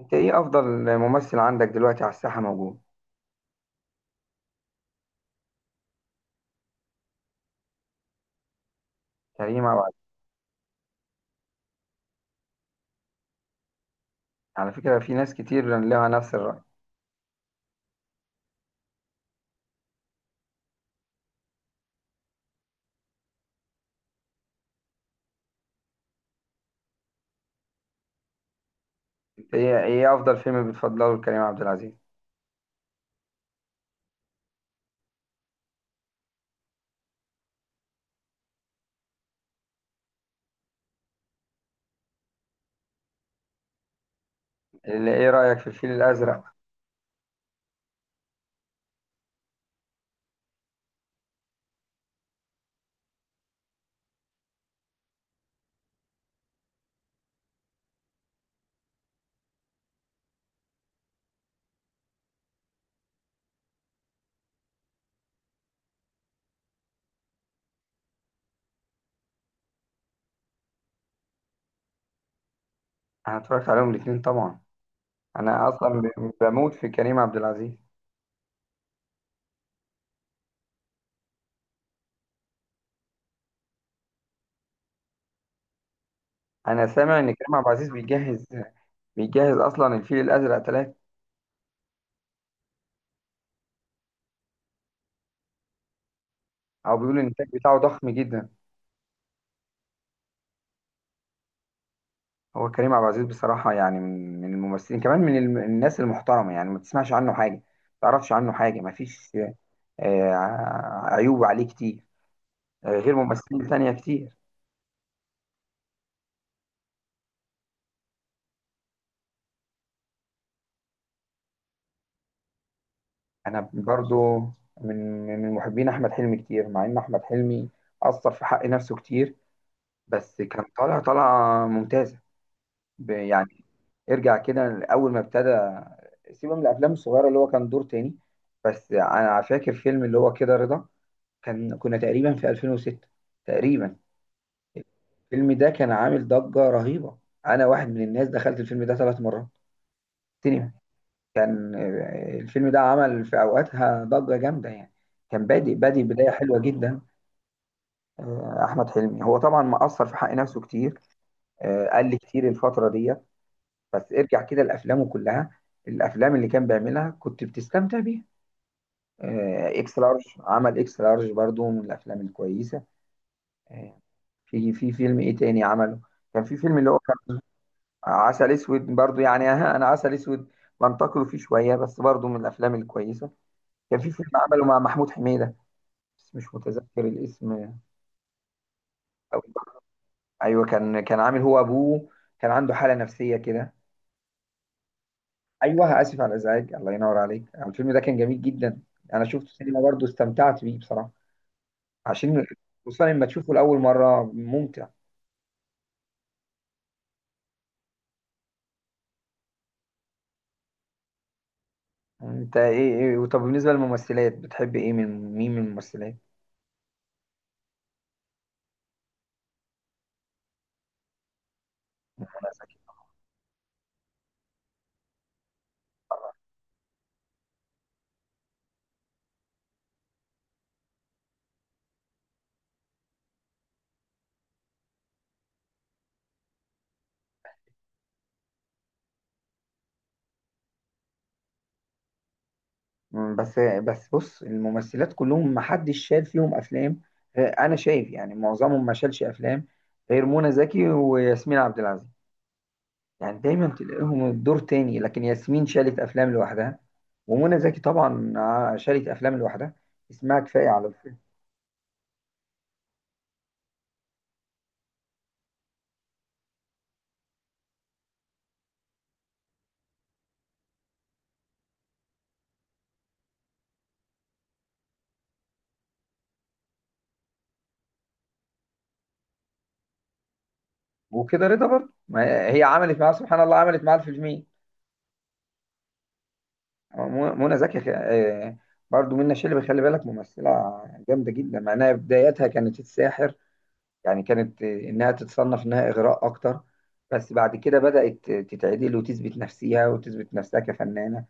انت ايه افضل ممثل عندك دلوقتي على الساحه موجود؟ كريم عبد العزيز. على فكره في ناس كتير لها نفس الراي. انت ايه افضل فيلم بتفضله لكريم عبد العزيز؟ اللي ايه رايك في الفيل الازرق؟ انا اتفرجت عليهم الاثنين طبعا. انا اصلا بموت في كريم عبد العزيز. انا سامع ان كريم عبد العزيز بيجهز اصلا الفيل الازرق ثلاثة. او بيقول ان الانتاج بتاعه ضخم جدا. هو كريم عبد العزيز بصراحة، يعني من الممثلين، كمان الناس المحترمة، يعني ما تسمعش عنه حاجة، ما تعرفش عنه حاجة، ما فيش آه، عيوب عليه كتير، غير ممثلين تانية كتير. أنا برضو من محبين أحمد حلمي كتير، مع إن أحمد حلمي أثر في حق نفسه كتير، بس كان طالعة ممتازة. يعني ارجع كده أول ما ابتدى، سيبه من الأفلام الصغيرة اللي هو كان دور تاني، بس أنا فاكر فيلم اللي هو كده رضا. كنا تقريبا في 2006 تقريبا. الفيلم ده كان عامل ضجة رهيبة، أنا واحد من الناس دخلت الفيلم ده ثلاث مرات سينما. كان الفيلم ده عمل في أوقاتها ضجة جامدة يعني، كان بادئ بداية حلوة جدا. أحمد حلمي هو طبعا مقصر في حق نفسه كتير، قال لي كتير الفترة دي. بس ارجع كده لأفلامه كلها، الأفلام اللي كان بيعملها كنت بتستمتع بيها. إكس لارج، عمل إكس لارج برضو من الأفلام الكويسة. آه، في فيلم ايه تاني عمله؟ كان في فيلم اللي هو كان عسل اسود، برضو يعني انا عسل اسود بنتقده فيه شويه، بس برضو من الافلام الكويسه. كان في فيلم عمله مع محمود حميده، بس مش متذكر الاسم أوي. ايوه، كان عامل هو ابوه، كان عنده حاله نفسيه كده. ايوه، اسف على الازعاج، الله ينور عليك، الفيلم ده كان جميل جدا. انا شفته سينما برضو، استمتعت بيه بصراحه، عشان خصوصا لما تشوفه لاول مره ممتع. انت إيه؟ طب بالنسبه للممثلات، بتحب ايه، من الممثلات؟ بس بص، الممثلات كلهم ما حدش شال فيهم افلام. انا شايف يعني معظمهم ما شالش افلام غير منى زكي وياسمين عبد العزيز، يعني دايما تلاقيهم الدور تاني، لكن ياسمين شالت افلام لوحدها، ومنى زكي طبعا. شالت افلام لوحدها، اسمها كفايه على الفيلم. وكده رضا برضه، ما هي عملت معاه سبحان الله، عملت معاه الفيلمين. منى زكي برضه منى شلبي، خلي بالك ممثله جامده جدا، مع انها بدايتها كانت الساحر، يعني كانت إنها تتصنف إنها إغراء أكتر، بس بعد كده بدأت تتعدل وتثبت نفسها، وتثبت نفسها كفنانة.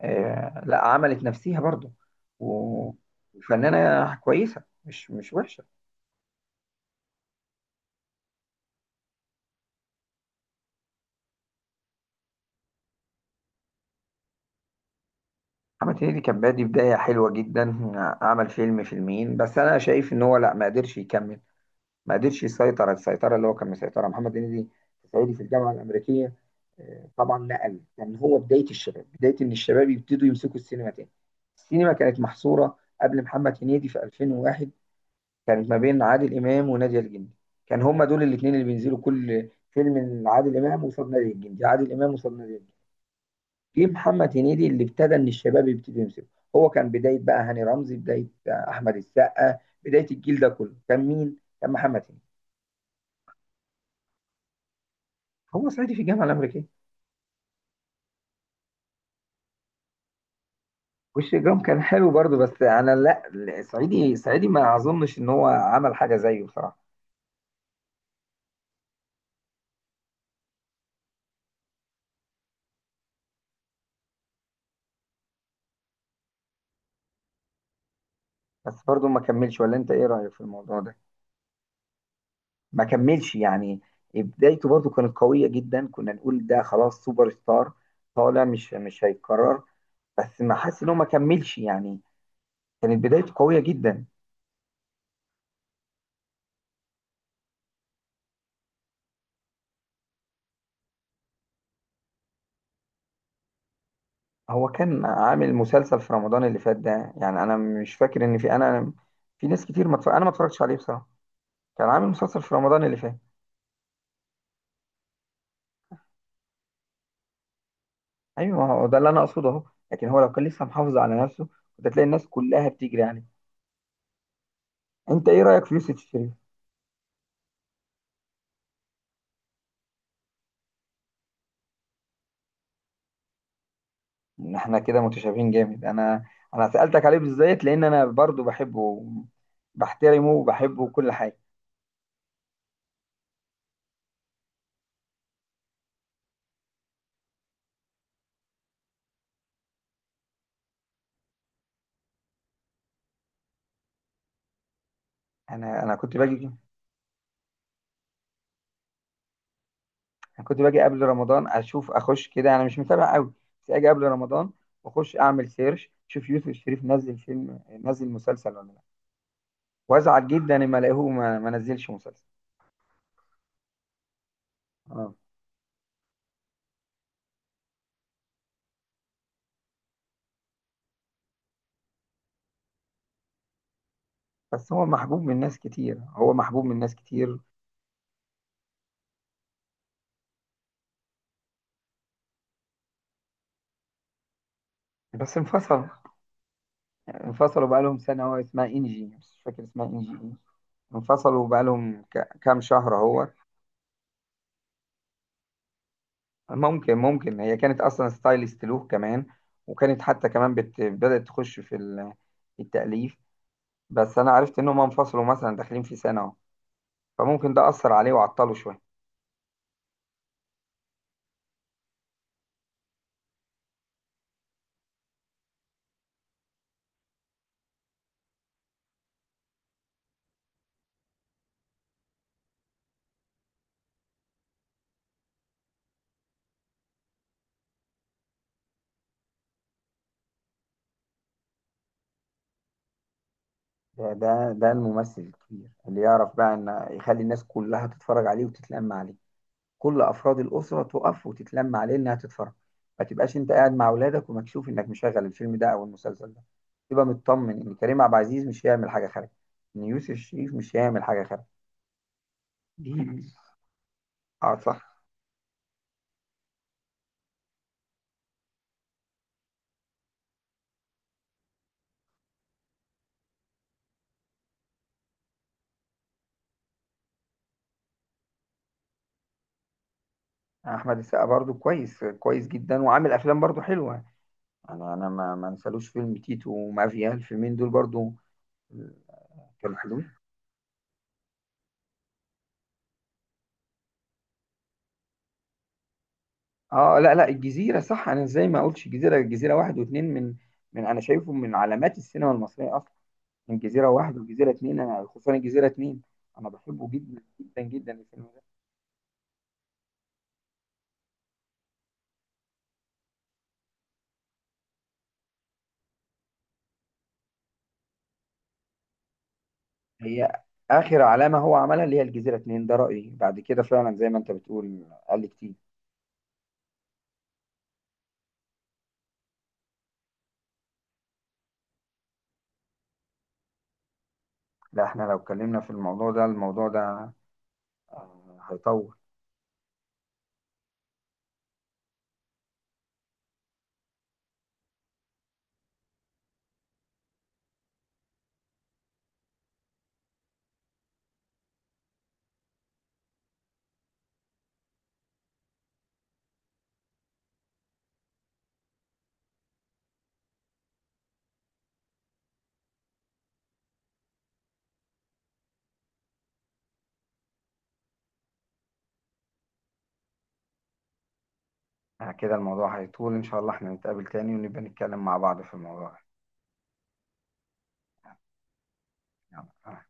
لا عملت نفسها برضو، و- وفنانة كويسة، مش وحشة. محمد هنيدي كان بادي بداية حلوة جدا، عمل فيلمين، بس أنا شايف إن هو لا ما قدرش يكمل، ما قدرش يسيطر السيطره اللي هو كان مسيطرها محمد هنيدي في صعيدي في الجامعه الامريكيه. طبعا نقل كان هو بدايه الشباب، بدايه ان الشباب يبتدوا يمسكوا السينما تاني. السينما كانت محصوره قبل محمد هنيدي في 2001، كانت ما بين عادل امام ونادية الجندي، كان هما دول الاثنين اللي بينزلوا كل فيلم، من عادل امام قصاد نادية الجندي، عادل امام قصاد نادية الجندي. جه محمد هنيدي اللي ابتدى ان الشباب يبتدوا يمسكوا، هو كان بدايه بقى هاني رمزي، بدايه احمد السقا، بدايه الجيل ده كله كان مين؟ كان محمد هنيدي. هو صعيدي في الجامعه الامريكيه. وش جرام كان حلو برضو، بس انا لا، سعيدي سعيدي ما اظنش ان هو عمل حاجه زيه بصراحه. بس برضو ما كملش، ولا انت ايه رايك في الموضوع ده؟ ما كملش يعني. بدايته برضو كانت قويه جدا، كنا نقول ده خلاص سوبر ستار طالع، مش هيتكرر. بس ما حاسس ان هو ما كملش يعني، كانت بدايته قويه جدا. هو كان عامل مسلسل في رمضان اللي فات ده، يعني انا مش فاكر ان في انا، في ناس كتير ما اتفرج- انا ما اتفرجتش عليه بصراحه. كان عامل مسلسل في رمضان اللي فات. ايوه، ما هو ده اللي انا اقصده اهو، لكن هو لو كان لسه محافظ على نفسه كنت هتلاقي الناس كلها بتجري يعني. انت ايه رايك في يوسف شريف؟ ان احنا كده متشابهين جامد. انا سالتك عليه بالذات لان انا برضو بحبه، بحترمه وبحبه وكل حاجه. انا كنت باجي، انا كنت باجي قبل رمضان اشوف اخش كده، انا مش متابع قوي، بس اجي قبل رمضان واخش اعمل سيرش، اشوف يوسف شريف نزل فيلم، نزل مسلسل ولا لا، وازعل جدا لما الاقيه ما نزلش مسلسل. اه. بس هو محبوب من ناس كتير، هو محبوب من ناس كتير. بس انفصلوا بقالهم سنة، هو اسمها انجي، مش فاكر اسمها انجي ايه. انفصلوا بقالهم كام شهر اهو. ممكن هي كانت اصلا ستايلست له كمان، وكانت حتى كمان بدأت تخش في التأليف. بس انا عرفت ان هم انفصلوا مثلا داخلين في سنة اهو، فممكن ده أثر عليه وعطله شوية. ده الممثل الكبير اللي يعرف بقى ان يخلي الناس كلها تتفرج عليه وتتلم عليه، كل افراد الاسره تقف وتتلم عليه انها تتفرج. ما تبقاش انت قاعد مع اولادك ومكشوف انك مشغل الفيلم ده او المسلسل ده، تبقى مطمن ان كريم عبد العزيز مش هيعمل حاجه خارجه، ان يوسف الشريف مش هيعمل حاجه خارجه. دي. اه، صح. احمد السقا برضو كويس كويس جدا، وعامل افلام برضو حلوه. انا ما انسالوش فيلم تيتو ومافيا، الفيلمين دول برضو كانوا حلوين. اه، لا لا، الجزيره صح، انا ازاي ما اقولش الجزيره واحد واثنين من انا شايفه من علامات السينما المصريه اصلا، من جزيرة واحد وجزيرة اتنين، أنا خصوصا الجزيرة اتنين أنا بحبه جدا جدا جدا الفيلم ده. هي آخر علامة هو عملها اللي هي الجزيرة اتنين، ده رأيي، بعد كده فعلا زي ما أنت بتقول قال لي كتير. لا، إحنا لو اتكلمنا في الموضوع ده، هيطول. كده الموضوع هيطول إن شاء الله، إحنا نتقابل تاني ونبقى نتكلم مع بعض في الموضوع ده. يلا، آه.